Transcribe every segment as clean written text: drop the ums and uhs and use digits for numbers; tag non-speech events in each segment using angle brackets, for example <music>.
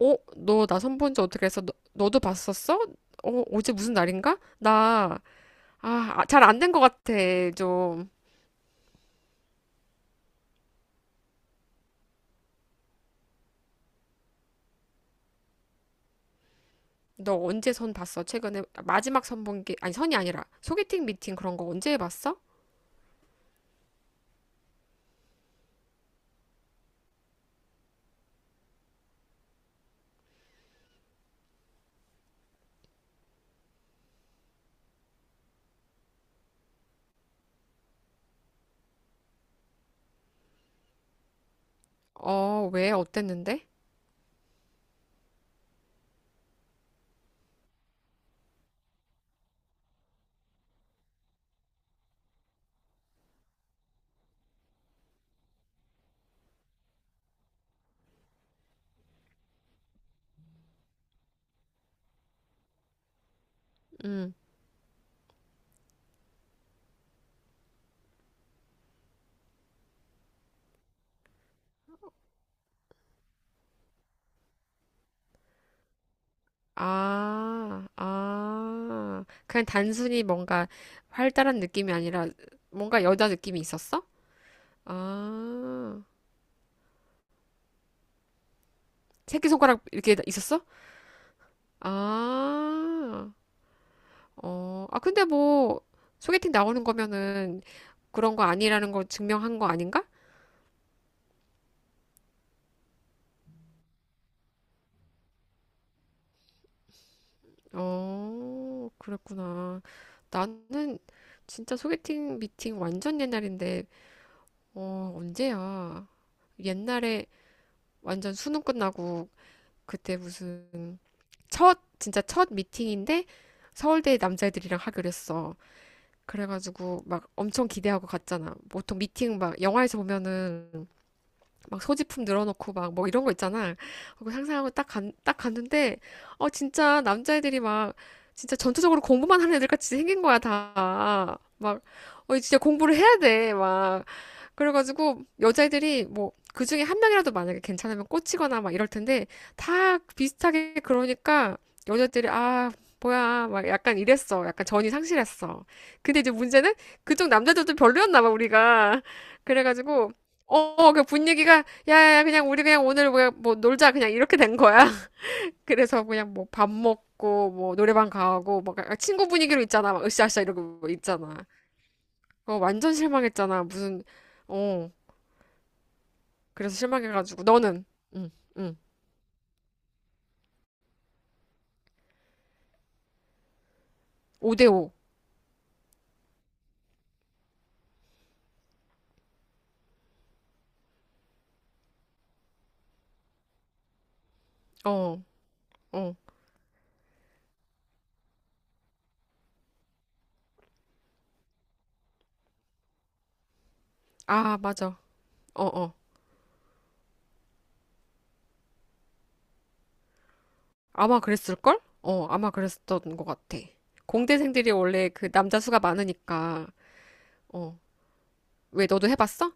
어? 너 나 선본지 어떻게 했어? 너도 봤었어? 어, 어제 무슨 날인가? 아, 아, 잘 안된 것 같아, 좀. 너 언제 선 봤어? 최근에 마지막 선 본 게, 아니, 선이 아니라 소개팅 미팅 그런 거 언제 해봤어? 어, 왜? 어땠는데? 음. 아, 아. 그냥 단순히 뭔가 활달한 느낌이 아니라 뭔가 여자 느낌이 있었어? 아. 새끼손가락 이렇게 있었어? 아. 어, 아, 근데 뭐, 소개팅 나오는 거면은 그런 거 아니라는 걸 증명한 거 아닌가? 어, 그랬구나. 나는 진짜 소개팅 미팅 완전 옛날인데, 어, 언제야? 옛날에 완전 수능 끝나고, 그때 무슨, 첫, 진짜 첫 미팅인데, 서울대 남자애들이랑 하기로 했어. 그래가지고 막 엄청 기대하고 갔잖아. 보통 미팅 막 영화에서 보면은 막 소지품 늘어놓고 막 뭐 이런 거 있잖아. 그거 상상하고 딱 간, 딱 갔는데, 어, 진짜 남자애들이 막, 진짜 전투적으로 공부만 하는 애들 같이 생긴 거야, 다. 막, 어, 진짜 공부를 해야 돼. 막, 그래가지고 여자애들이 뭐 그중에 한 명이라도 만약에 괜찮으면 꽂히거나 막 이럴 텐데 다 비슷하게 그러니까 여자들이 아 뭐야 막 약간 이랬어 약간 전이 상실했어. 근데 이제 문제는 그쪽 남자들도 별로였나 봐 우리가. 그래가지고 어그 분위기가 야야 그냥 우리 그냥 오늘 뭐야 뭐 놀자 그냥 이렇게 된 거야 <laughs> 그래서 그냥 뭐 밥 먹고 뭐 노래방 가고 막 약간 친구 분위기로 있잖아 막 으쌰으쌰 이러고 있잖아. 어 완전 실망했잖아 무슨. 어 그래서 실망해가지고 너는. 응, 응. 5대5. 어, 어. 아, 맞아. 어, 어. 아마 그랬을걸? 어, 아마 그랬었던 것 같아. 공대생들이 원래 그 남자 수가 많으니까. 어. 왜 너도 해봤어?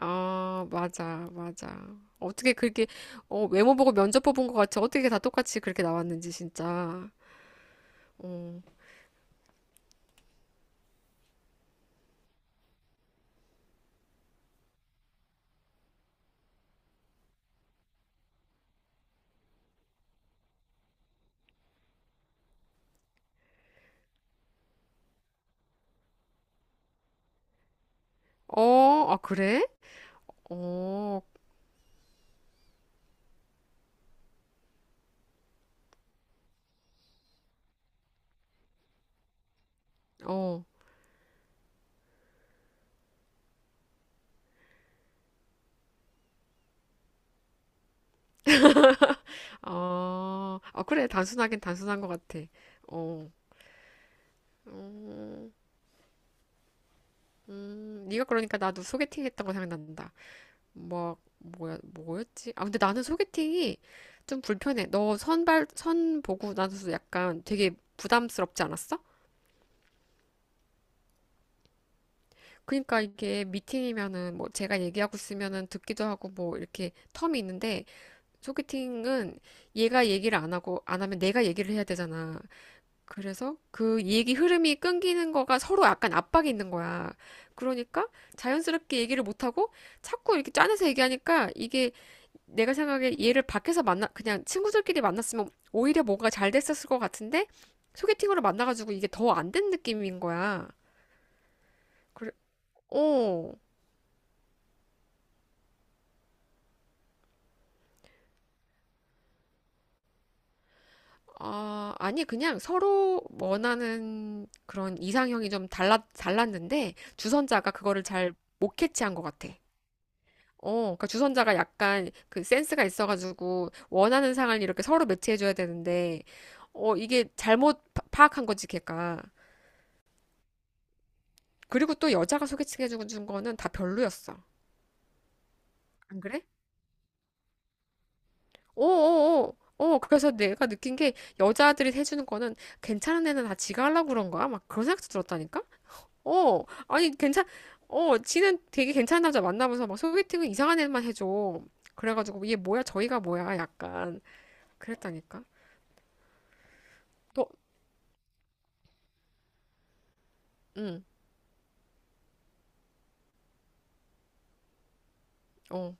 아, 맞아, 맞아. 어떻게 그렇게 어, 외모 보고 면접 뽑은 것 같이 어떻게 다 똑같이 그렇게 나왔는지 진짜. 어, 어, 아 그래? 어, 어, 아, 아 그래 단순하긴 단순한 것 같아. 어, 음. 네가 그러니까 나도 소개팅 했던 거 생각난다. 뭐, 뭐야, 뭐였지? 아, 근데 나는 소개팅이 좀 불편해. 선 보고 나서 약간 되게 부담스럽지 않았어? 그러니까 이게 미팅이면은 뭐 제가 얘기하고 있으면은 듣기도 하고 뭐 이렇게 텀이 있는데 소개팅은 얘가 얘기를 안 하고 안 하면 내가 얘기를 해야 되잖아. 그래서 그 얘기 흐름이 끊기는 거가 서로 약간 압박이 있는 거야. 그러니까 자연스럽게 얘기를 못 하고 자꾸 이렇게 짜내서 얘기하니까 이게 내가 생각에 얘를 밖에서 만나 그냥 친구들끼리 만났으면 오히려 뭔가 잘 됐었을 것 같은데 소개팅으로 만나가지고 이게 더 안 된 느낌인 거야. 그래, 어, 아, 아니 그냥 서로 원하는 그런 이상형이 좀 달라 달랐는데 주선자가 그거를 잘 못 캐치한 것 같아. 어, 그러니까 주선자가 약간 그 센스가 있어가지고 원하는 상을 이렇게 서로 매치해줘야 되는데, 어, 이게 파악한 거지, 걔가. 그리고 또 여자가 소개팅 해준 거는 다 별로였어. 안 그래? 어어어. 어, 그래서 내가 느낀 게 여자들이 해주는 거는 괜찮은 애는 다 지가 하려고 그런 거야? 막 그런 생각도 들었다니까? 어, 아니, 괜찮, 어, 지는 되게 괜찮은 남자 만나면서 막 소개팅은 이상한 애만 해줘. 그래가지고, 얘 뭐야, 저희가 뭐야, 약간. 그랬다니까? 너, 응. 어,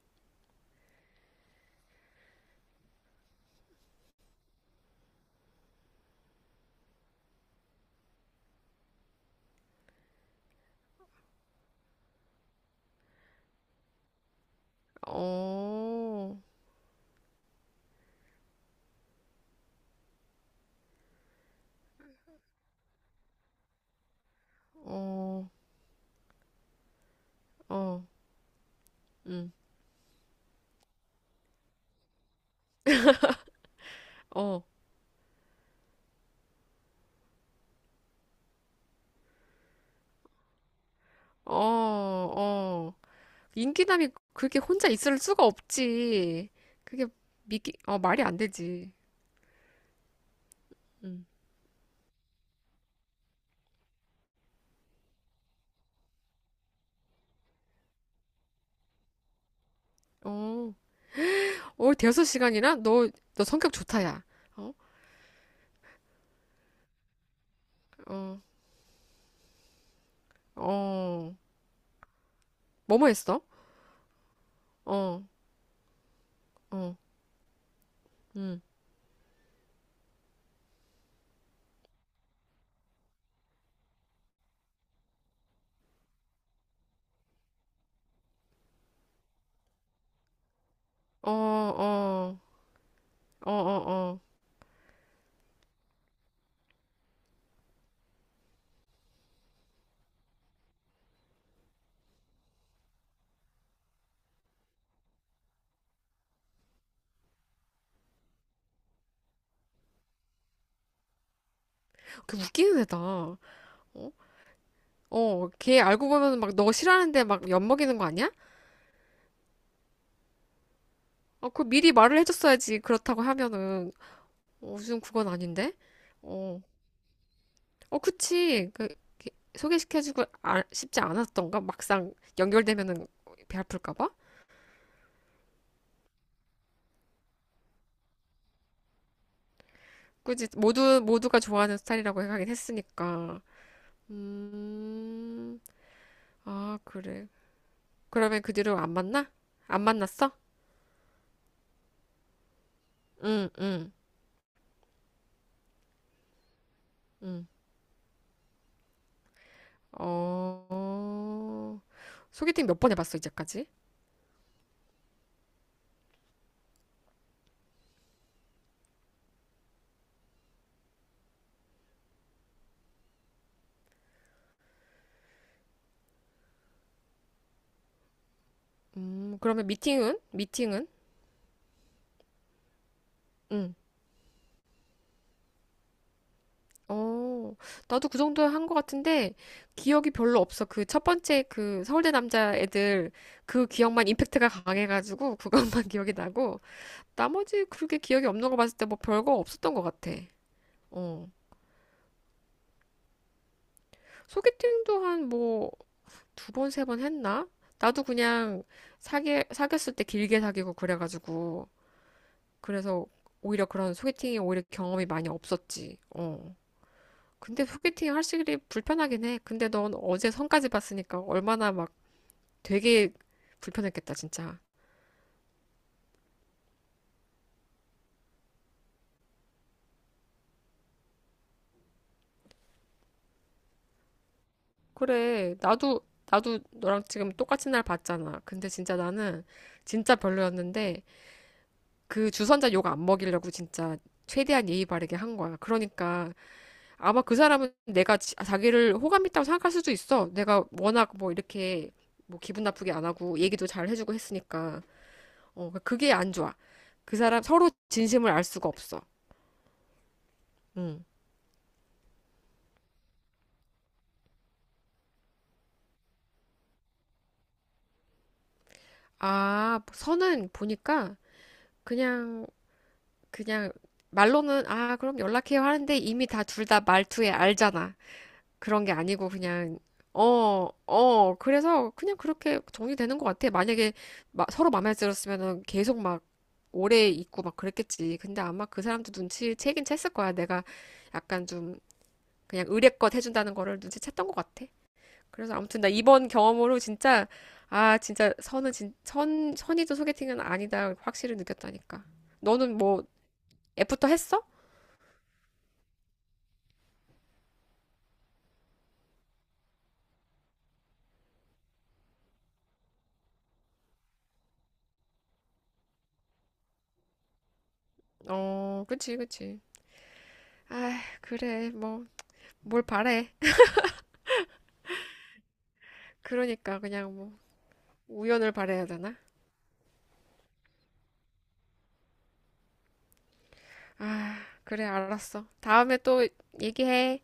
어, 어, 어, 응. 어, 어, 어. 인기남이 그렇게 혼자 있을 수가 없지. 그게 미기 어, 말이 안 되지. 응. 어, 어, 대여섯 시간이나? 너, 너 성격 좋다, 야. 어, 어, 어, 뭐뭐 했어? 어, 어, 응. 어, 어, 어, 어, 어. 그 웃기는 애다. 어, 어, 걔 알고 보면 막 너 싫어하는데 막 엿먹이는 거 아니야? 어, 그 미리 말을 해줬어야지. 그렇다고 하면은. 어, 요즘 그건 아닌데? 어, 어, 그치. 그, 그 소개시켜주고 아, 쉽지 않았던가? 막상 연결되면은 배 아플까 봐? 그지? 모두가 좋아하는 스타일이라고 하긴 했으니까. 음, 아, 그래. 그러면 그 뒤로 안 만나? 안 만났어? 응, 응, 응. 어, 어. 소개팅 몇번 해봤어, 이제까지? 그러면 미팅은? 미팅은? 응. 어, 나도 그 정도 한 것 같은데, 기억이 별로 없어. 그 첫 번째 그 서울대 남자 애들, 그 기억만 임팩트가 강해가지고, 그것만 <laughs> 기억이 나고, 나머지 그렇게 기억이 없는 거 봤을 때 뭐 별거 없었던 것 같아. 어. 소개팅도 한 뭐, 두 번, 세번 했나? 나도 그냥 사귀었을 때 길게 사귀고 그래가지고, 그래서 오히려 그런 소개팅이 오히려 경험이 많이 없었지. 어. 근데 소개팅 하시기 불편하긴 해. 근데 넌 어제 선까지 봤으니까 얼마나 막 되게 불편했겠다, 진짜. 그래, 나도, 나도 너랑 지금 똑같은 날 봤잖아. 근데 진짜 나는 진짜 별로였는데 그 주선자 욕 안 먹이려고 진짜 최대한 예의 바르게 한 거야. 그러니까 아마 그 사람은 내가 자기를 호감 있다고 생각할 수도 있어. 내가 워낙 뭐 이렇게 뭐 기분 나쁘게 안 하고 얘기도 잘 해주고 했으니까. 어, 그러니까 그게 안 좋아. 그 사람 서로 진심을 알 수가 없어. 응. 아, 선은 보니까 그냥 그냥 말로는 아, 그럼 연락해요 하는데 이미 다 둘 다 말투에 알잖아. 그런 게 아니고 그냥 어, 어. 그래서 그냥 그렇게 정리되는 것 같아. 만약에 서로 마음에 들었으면은 계속 막 오래 있고 막 그랬겠지. 근데 아마 그 사람도 눈치 채긴 챘을 거야. 내가 약간 좀 그냥 의례껏 해준다는 거를 눈치챘던 것 같아. 그래서 아무튼 나 이번 경험으로 진짜 아 진짜 선은 진, 선 선의도 소개팅은 아니다 확실히 느꼈다니까. 너는 뭐 애프터 했어? 어, 그치 그치. 아 그래 뭐 뭘 바래? 그러니까 그냥 뭐 우연을 바래야 되나? 아 그래 알았어. 다음에 또 얘기해.